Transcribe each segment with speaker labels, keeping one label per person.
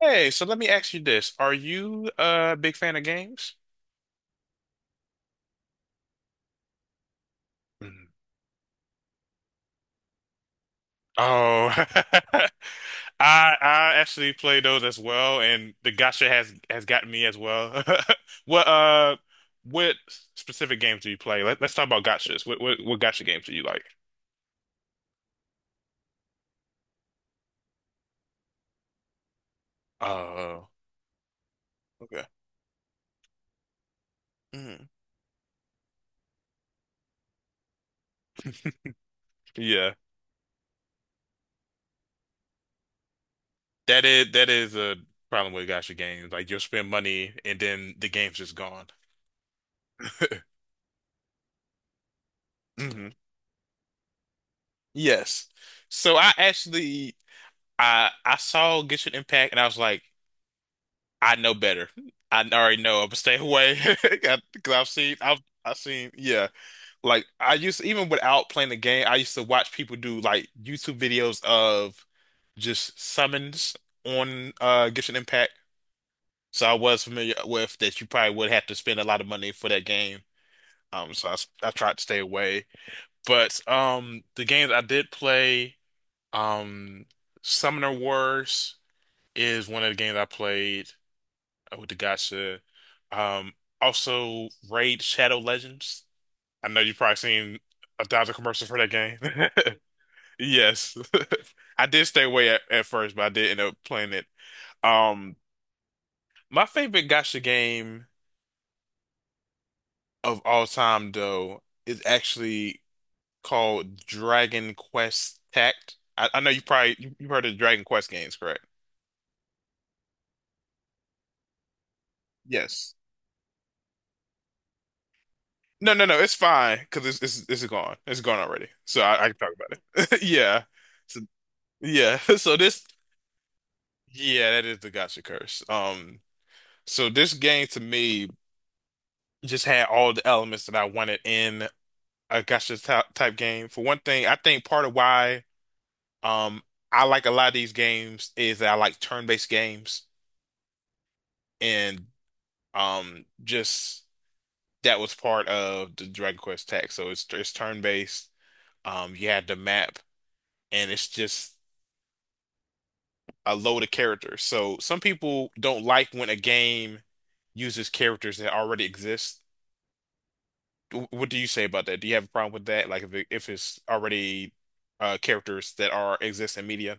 Speaker 1: Hey, so let me ask you this. Are you a big fan of games? Mhm. Oh, I actually play those as well, and the gacha has gotten me as well. What what specific games do you play? Let's talk about gachas. What gacha games do you like? Oh, okay. Mhm. Yeah, that is a problem with gacha games. Like you'll spend money and then the game's just gone. Mhm. Yes. So I actually I saw Genshin Impact and I was like, I know better. I already know I'm gonna stay away because I've seen, yeah, like I used to, even without playing the game I used to watch people do like YouTube videos of just summons on Genshin Impact. So I was familiar with that. You probably would have to spend a lot of money for that game, so I tried to stay away. But the games I did play, Um, Summoner Wars is one of the games I played with the gacha. Um, Also Raid Shadow Legends. I know you've probably seen a thousand commercials for that game. Yes. I did stay away at first, but I did end up playing it. Um, my favorite gacha game of all time, though, is actually called Dragon Quest Tact. I know you probably you've heard of Dragon Quest games, correct? Yes. No, no, no. It's fine because it's gone. It's gone already. So I can talk about it. Yeah. So, yeah. So this. Yeah, that is the gotcha curse. So this game to me just had all the elements that I wanted in a gotcha type game. For one thing, I think part of why um I like a lot of these games is that I like turn-based games, and just that was part of the Dragon Quest tech. So it's turn-based. You had the map, and it's just a load of characters. So some people don't like when a game uses characters that already exist. What do you say about that? Do you have a problem with that? Like if it's already characters that are exist in media?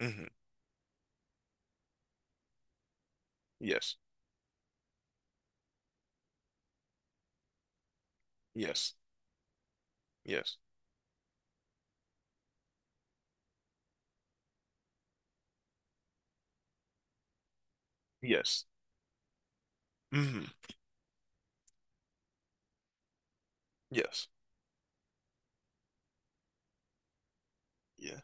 Speaker 1: Hmm. Yes. Yes. Yes. Yes. Hmm. Yes. Yeah.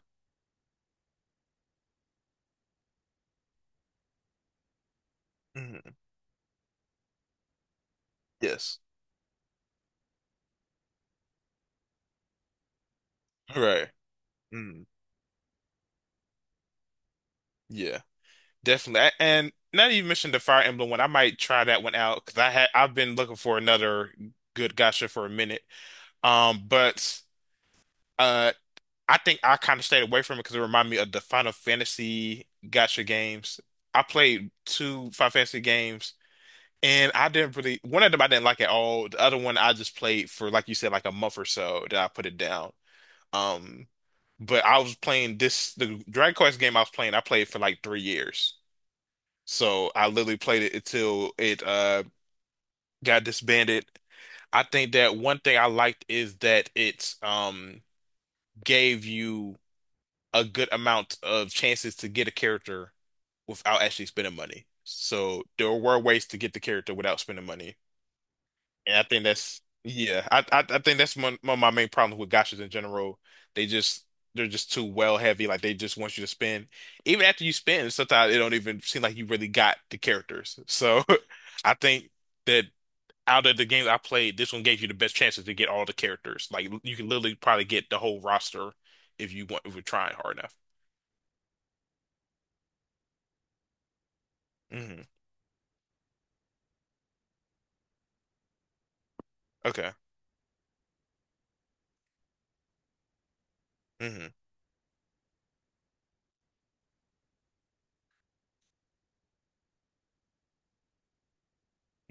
Speaker 1: Hmm. Yes. Right. Mm. Yeah. Definitely. And now that you mentioned the Fire Emblem one, I might try that one out because I've been looking for another good gacha for a minute. But. Uh, I think I kind of stayed away from it because it reminded me of the Final Fantasy gotcha games. I played two Final Fantasy games, and I didn't really one of them I didn't like at all. The other one I just played for, like you said, like a month or so. Then I put it down. Um, but I was playing this the Dragon Quest game I was playing. I played for like 3 years, so I literally played it until it got disbanded. I think that one thing I liked is that it's gave you a good amount of chances to get a character without actually spending money. So there were ways to get the character without spending money. And I think that's, yeah, I think that's one of my main problems with gacha's in general. They just they're just too well heavy. Like they just want you to spend. Even after you spend, sometimes it don't even seem like you really got the characters. So I think that out of the games I played, this one gave you the best chances to get all the characters. Like you can literally probably get the whole roster if you want, if you're trying hard enough. Mhm. Okay. Hmm.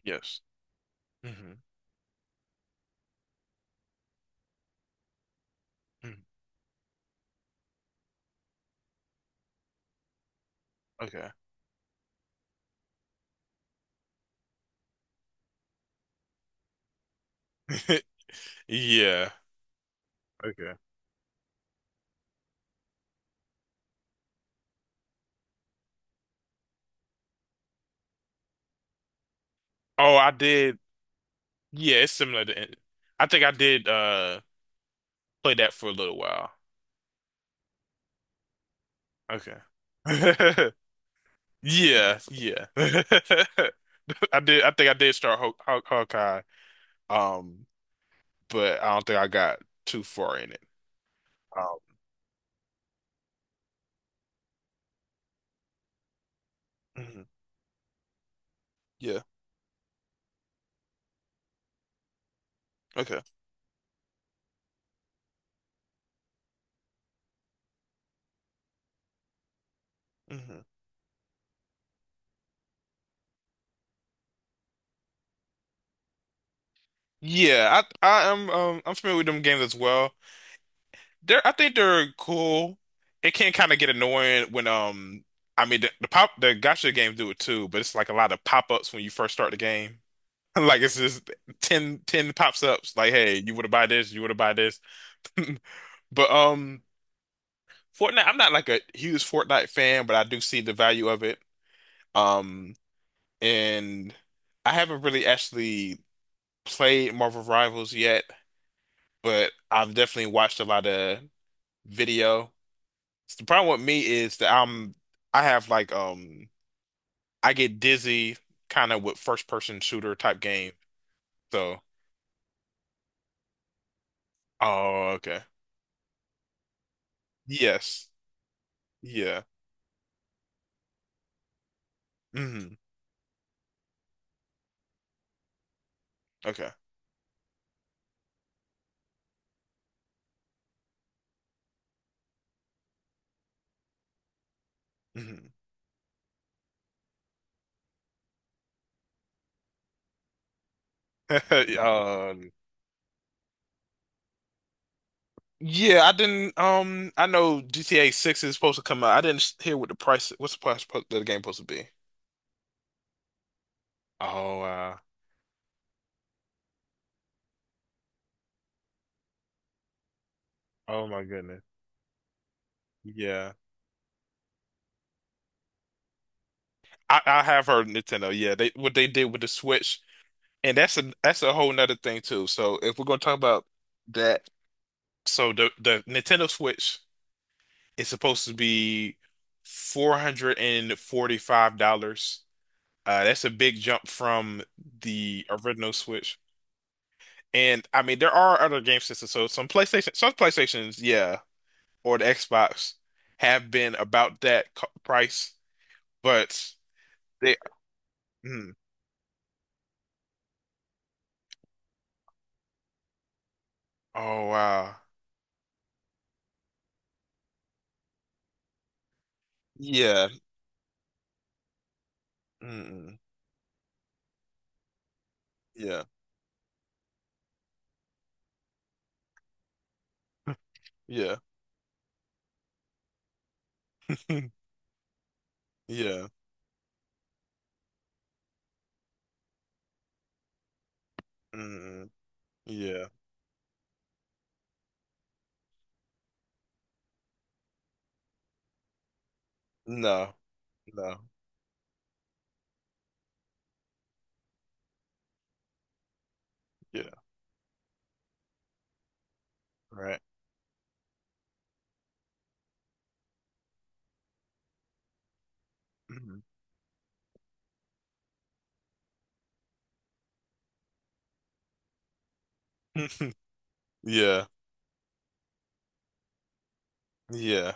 Speaker 1: Yes. Hmm. Hmm. Okay. Yeah. Okay. Oh, I did. Yeah, it's similar to. I think I did play that for a little while. Okay. Yeah, yeah. I did. I think I did start Hawkeye. Um, but I don't think I got too far in it. Um, mhm. Yeah. Okay. Hmm. Yeah, I am, I'm familiar with them games as well. They're, I think they're cool. It can kind of get annoying when, I mean, the gacha games do it too, but it's like a lot of pop-ups when you first start the game. Like it's just 10 pops-ups. Like, hey, you want to buy this? You want to buy this? But Fortnite, I'm not like a huge Fortnite fan, but I do see the value of it. Um, and I haven't really actually played Marvel Rivals yet, but I've definitely watched a lot of video. The problem with me is that I'm I have like I get dizzy kind of with first person shooter type game. So oh, okay. Yes. Yeah. Hmm. Okay. Hmm. Um yeah, I didn't I know GTA 6 is supposed to come out. I didn't s- hear what's the the game supposed to be. Oh wow. Oh my goodness. Yeah. I have heard Nintendo. Yeah, they what they did with the Switch. And that's a whole nother thing too. So if we're gonna talk about that, so the Nintendo Switch is supposed to be $445. That's a big jump from the original Switch. And I mean, there are other game systems. So some PlayStations, yeah, or the Xbox have been about that co price, but they, mm, oh wow, yeah, mm, yeah, yeah. Yeah. Mm, yeah. No, no. Yeah, right. Mhm. Yeah, yeah,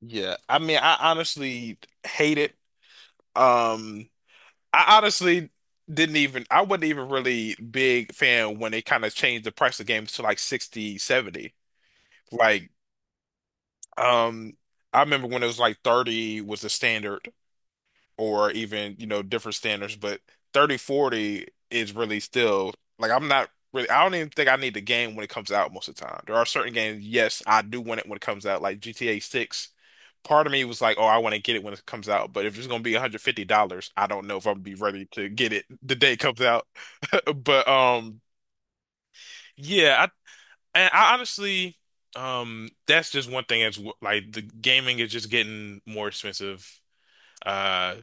Speaker 1: yeah. I mean, I honestly hate it. Um, I honestly didn't even, I wasn't even really big fan when they kind of changed the price of games to like 60, 70. Like, um, I remember when it was like 30 was the standard, or even, you know, different standards, but 3040 is really still like I'm not really I don't even think I need the game when it comes out most of the time. There are certain games, yes, I do want it when it comes out, like GTA 6. Part of me was like, oh, I want to get it when it comes out, but if it's gonna be $150, I don't know if I'm gonna be ready to get it the day it comes out. But yeah, I honestly, that's just one thing that's like the gaming is just getting more expensive. Uh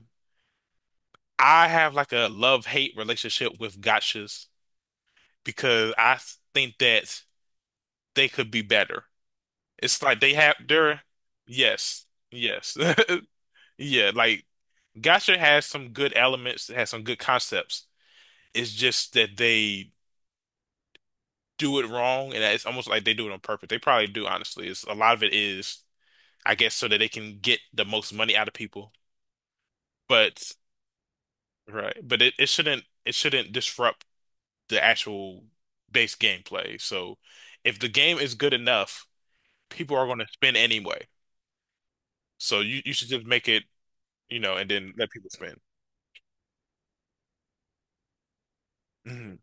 Speaker 1: I have like a love-hate relationship with gotchas because I think that they could be better. It's like they have their, yes, yes. Yeah, like gotcha has some good elements, it has some good concepts. It's just that they do it wrong, and it's almost like they do it on purpose. They probably do, honestly. It's a lot of it is, I guess, so that they can get the most money out of people. But right, but it shouldn't, it shouldn't disrupt the actual base gameplay. So if the game is good enough, people are going to spend anyway. So you should just make it, you know, and then let people spend. Mhm.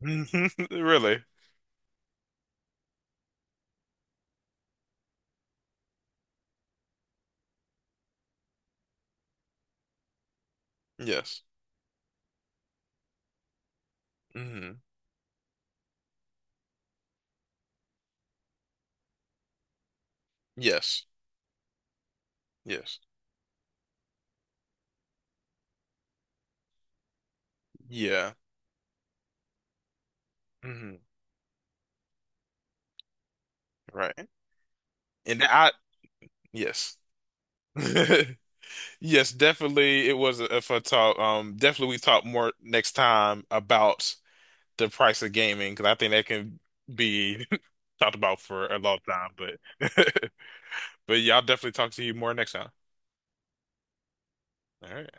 Speaker 1: Really? Yes. Hmm. Yes. Yes. Yeah. Hmm. Right. And I, yes. Yes, definitely. It was a fun talk. Definitely we talk more next time about the price of gaming because I think that can be talked about for a long time. But but yeah, I'll definitely talk to you more next time. All right.